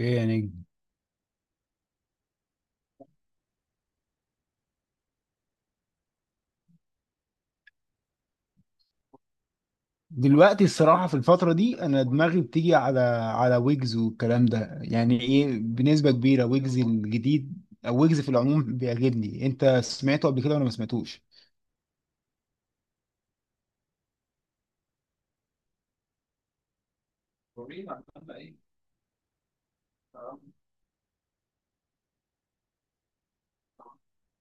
يعني دلوقتي الصراحة في الفترة دي أنا دماغي بتيجي على ويجز والكلام ده. يعني إيه؟ بنسبة كبيرة ويجز الجديد أو ويجز في العموم بيعجبني. أنت سمعته قبل كده ولا ما سمعتوش؟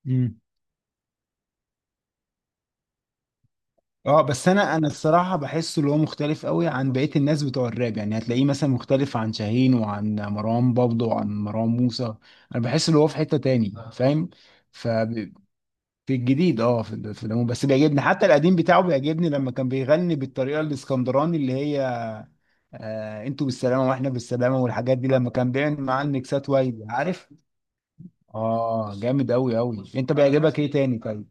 امم اه، بس انا الصراحه بحسه اللي هو مختلف قوي عن بقيه الناس بتوع الراب، يعني هتلاقيه مثلا مختلف عن شاهين وعن مروان بابلو وعن مروان موسى. انا بحس اللي هو في حته تاني، فاهم؟ ف في الجديد، في العموم بس بيعجبني، حتى القديم بتاعه بيعجبني لما كان بيغني بالطريقه الاسكندراني اللي هي آه انتوا بالسلامه واحنا بالسلامه والحاجات دي، لما كان بيعمل معاه الميكسات وايد، عارف؟ اه، جامد قوي قوي. انت بيعجبك ايه تاني طيب؟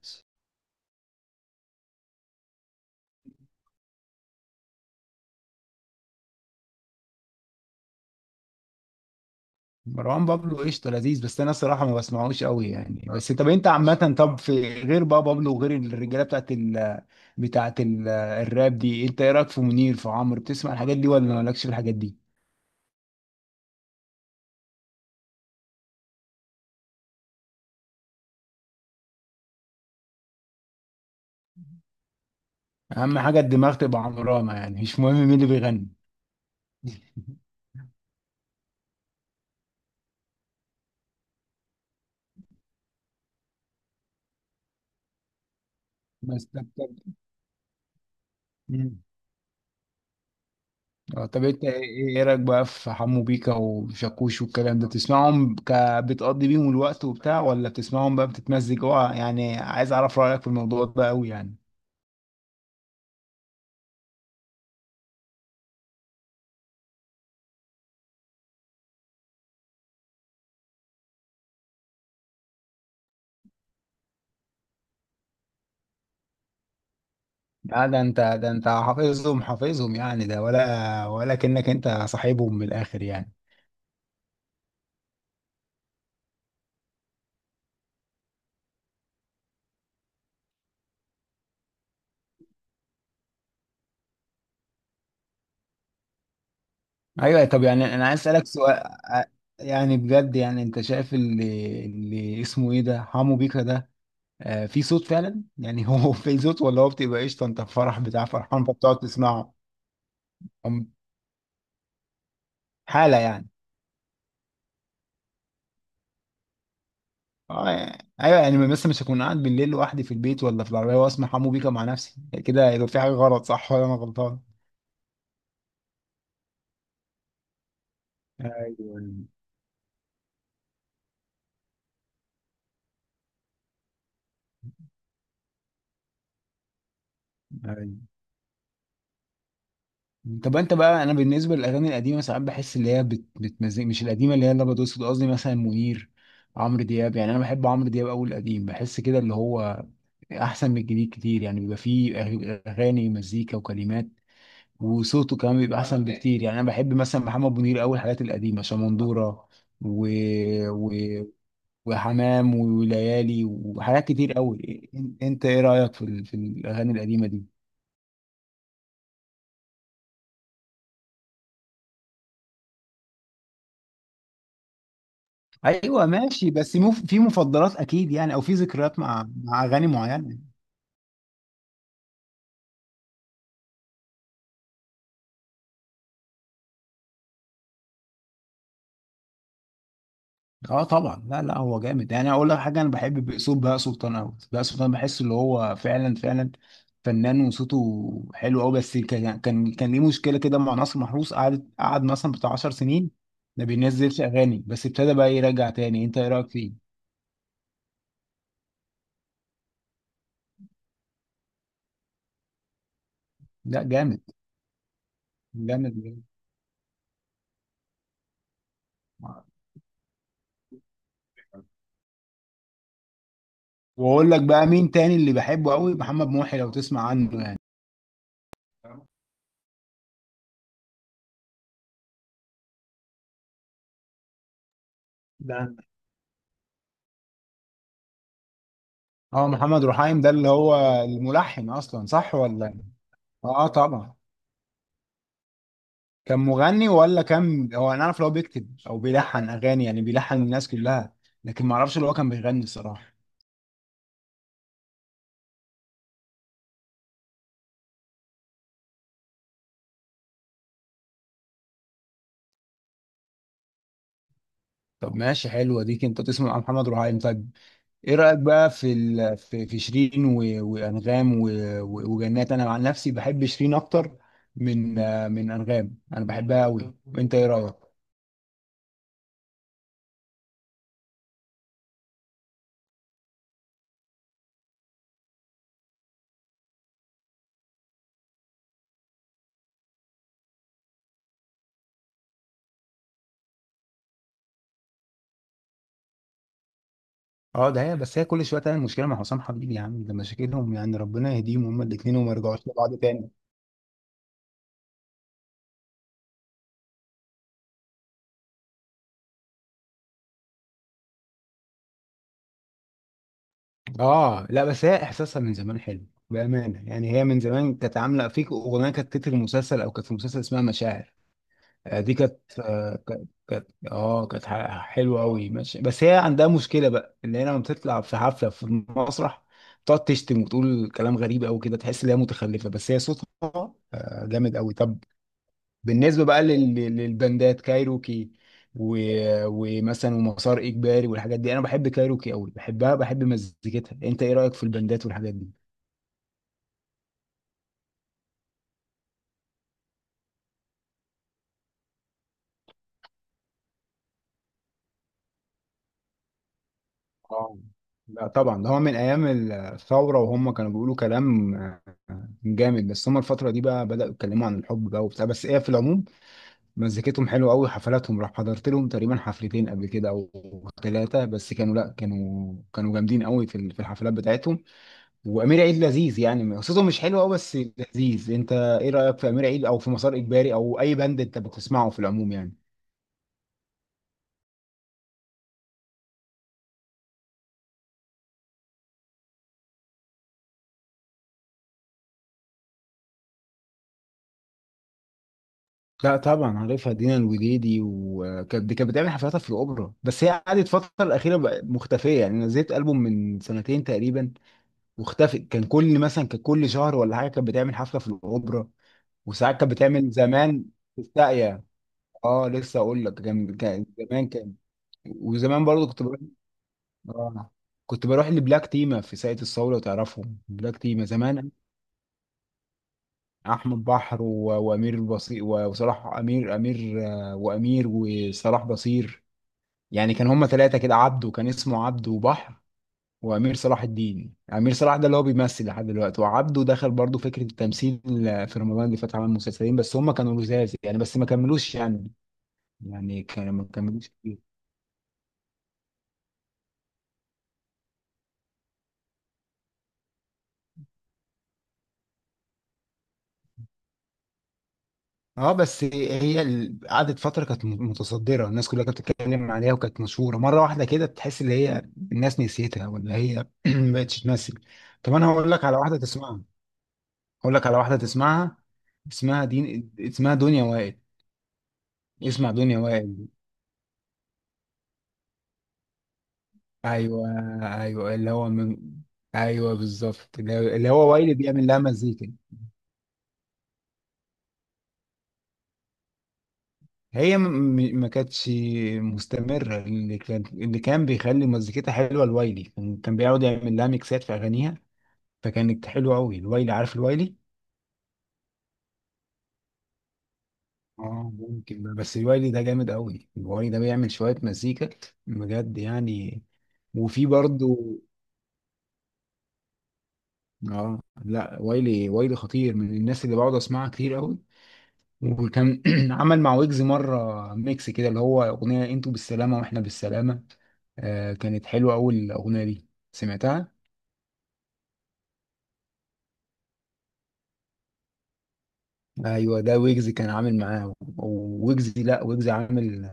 مروان بابلو قشطه، لذيذ، بس انا الصراحه ما بسمعوش قوي يعني. بس طب، انت عامه، طب في غير بقى بابلو وغير الرجاله بتاعت الراب دي، انت ايه رايك في منير، في عمرو؟ بتسمع الحاجات دي ولا مالكش في الحاجات دي؟ اهم حاجه الدماغ تبقى عمرانه، يعني مش مهم مين اللي بيغني. بس طب طب. مم. اه، طب انت إيه رايك بقى في حمو بيكا وشاكوش والكلام ده؟ بتسمعهم بتقضي بيهم الوقت وبتاع، ولا بتسمعهم بقى بتتمزج؟ اه يعني عايز اعرف رايك في الموضوع ده قوي يعني. لا، ده انت حافظهم حافظهم يعني، ده ولا كأنك انت صاحبهم من الاخر يعني. ايوه، طب يعني انا عايز اسالك سؤال، يعني بجد يعني انت شايف اللي اسمه ايه ده، حمو بيكا ده في صوت فعلا يعني؟ هو في صوت، ولا هو بتبقى قشطه انت في فرح بتاع فرحان فبتقعد تسمعه؟ أم- حاله يعني. ايوه، يعني مثلا مش هكون قاعد بالليل لوحدي في البيت ولا في العربيه واسمع حمو بيكا مع نفسي كده، يبقى في حاجه غلط، صح ولا انا غلطان؟ ايوه، ايوه. طب انت بقى، انا بالنسبه للاغاني القديمه ساعات بحس اللي هي بتمزج، مش القديمه اللي هي اللي بتقصد، قصدي مثلا منير، عمرو دياب. يعني انا بحب عمرو دياب قوي، القديم بحس كده اللي هو احسن من الجديد كتير، يعني بيبقى فيه اغاني، مزيكا وكلمات، وصوته كمان بيبقى احسن بكتير. يعني انا بحب مثلا محمد منير قوي، الحاجات القديمه شمندوره، و... و... وحمام وليالي وحاجات كتير قوي. انت ايه رايك في الاغاني القديمه دي؟ ايوه ماشي، بس مو في مفضلات اكيد يعني، او في ذكريات مع اغاني معينه. اه طبعا، لا لا، هو جامد يعني. اقول لك حاجه، انا بحب باسلوب بهاء سلطان قوي، بهاء سلطان بحس اللي هو فعلا فعلا فنان، وصوته حلو قوي. بس كان ليه مشكله كده مع ناصر محروس، قعد مثلا بتاع 10 سنين ما بينزلش اغاني، بس ابتدى بقى يرجع تاني. انت ايه رايك فيه؟ لا جامد، جامد جامد. واقول لك بقى مين تاني اللي بحبه قوي، محمد محي، لو تسمع عنه يعني. لا، اه، محمد رحايم ده اللي هو الملحن اصلا، صح ولا؟ اه طبعا. كان مغني ولا كان، هو انا اعرف لو بيكتب او بيلحن اغاني، يعني بيلحن الناس كلها، لكن ما اعرفش اللي هو كان بيغني الصراحه. طب ماشي، حلوه دي، انت تسمع محمد رهيم طيب. ايه رايك بقى في شيرين، وانغام، وجنات؟ انا عن نفسي بحب شيرين اكتر من انغام، انا بحبها قوي. وانت ايه رايك؟ اه، ده هي، بس هي كل شويه تعمل مشكله مع حسام حبيب يا عم، ده مشاكلهم يعني. ربنا يهديهم هما الاثنين، وما يرجعوش لبعض تاني. اه، لا بس هي احساسها من زمان حلو بامانه، يعني هي من زمان كانت عامله فيك اغنيه كانت تتر مسلسل، او كانت في مسلسل اسمها مشاعر. دي كانت حلوه قوي، ماشي. بس هي عندها مشكله بقى، ان هي لما بتطلع في حفله في مسرح تقعد تشتم وتقول كلام غريب قوي كده، تحس ان هي متخلفه. بس هي صوتها جامد قوي. طب بالنسبة بقى للبندات كايروكي، و... ومثلا ومسار إجباري والحاجات دي، أنا بحب كايروكي أوي، بحبها، بحب مزيكتها. أنت إيه رأيك في البندات والحاجات دي؟ اه، لا طبعا، ده هو من أيام الثورة، وهم كانوا بيقولوا كلام جامد. بس هم الفترة دي بقى بدأوا يتكلموا عن الحب بقى وبتاع، بس إيه، في العموم مزيكتهم حلوة أوي. حفلاتهم راح حضرت لهم تقريبا حفلتين قبل كده أو ثلاثة، بس كانوا لا كانوا كانوا جامدين أوي في الحفلات بتاعتهم. وامير عيد لذيذ يعني، قصته مش حلوه قوي بس لذيذ. انت ايه رايك في امير عيد، او في مسار اجباري، او اي باند انت بتسمعه في العموم يعني؟ لا طبعا عارفها، دينا الوديدي، وكانت دي كانت بتعمل حفلاتها في الاوبرا، بس هي قعدت الفتره الاخيره بقى مختفيه، يعني نزلت البوم من سنتين تقريبا واختفت. كان كل شهر ولا حاجه كانت بتعمل حفله في الاوبرا، وساعات كانت بتعمل زمان في الساقيه. اه لسه اقول لك، كان زمان كان، وزمان برضه كنت آه. كنت بروح لبلاك تيما في ساقية الصاوي، لو تعرفهم بلاك تيما زمان، احمد بحر، وامير البصير، وصلاح امير امير آه، وامير وصلاح بصير. يعني كان هما ثلاثة كده، عبده كان اسمه عبده، وبحر، وامير صلاح الدين امير صلاح ده اللي هو بيمثل لحد دلوقتي. وعبده دخل برضه فكرة التمثيل، في رمضان اللي فات عمل مسلسلين، بس هما كانوا لزاز يعني، بس ما كملوش يعني كانوا ما كملوش. اه، بس هي قعدت فتره كانت متصدره، الناس كلها كانت بتتكلم عليها، وكانت مشهوره، مره واحده كده تحس ان هي الناس نسيتها، ولا هي ما بقتش تمثل. طب انا هقول لك على واحده تسمعها. هقول لك على واحده تسمعها اسمها دنيا وائل. اسمع دنيا وائل. ايوه، ايوه، اللي هو من، ايوه بالظبط، اللي هو وائل بيعمل لها مزيكا. هي ما كانتش مستمره، اللي كان بيخلي مزيكتها حلوه الوايلي، كان بيقعد يعمل لها ميكسات في اغانيها، فكانت حلوه قوي الوايلي، عارف الوايلي؟ اه ممكن ده، بس الوايلي ده جامد قوي، الوايلي ده بيعمل شويه مزيكا بجد يعني. وفي برضو، اه، لا وايلي، وايلي خطير، من الناس اللي بقعد اسمعها كتير قوي. وكان عمل مع ويجز مره ميكس كده، اللي هو اغنيه انتوا بالسلامه واحنا بالسلامه. كانت حلوه قوي الاغنيه دي، سمعتها؟ ايوه، ده ويجز كان عامل معاه، وويجز لا ويجز عامل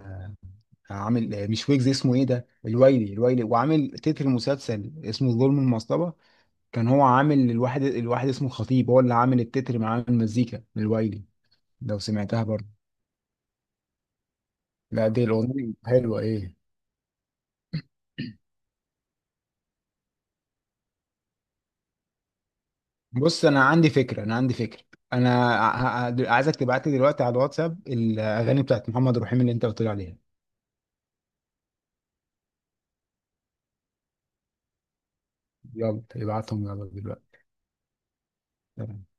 عامل مش ويجز، اسمه ايه ده، الويلي، الويلي وعامل تتر مسلسل اسمه ظلم المصطبة. كان هو عامل الواحد اسمه خطيب، هو اللي عامل التتر مع المزيكا، الويلي، لو سمعتها برضه. لا، دي الاغنيه حلوه ايه. بص انا عندي فكره، انا عايزك تبعت لي دلوقتي على الواتساب الاغاني بتاعت محمد رحيم اللي انت قلت لي عليها. يلا ابعتهم، يلا دلوقتي. تمام.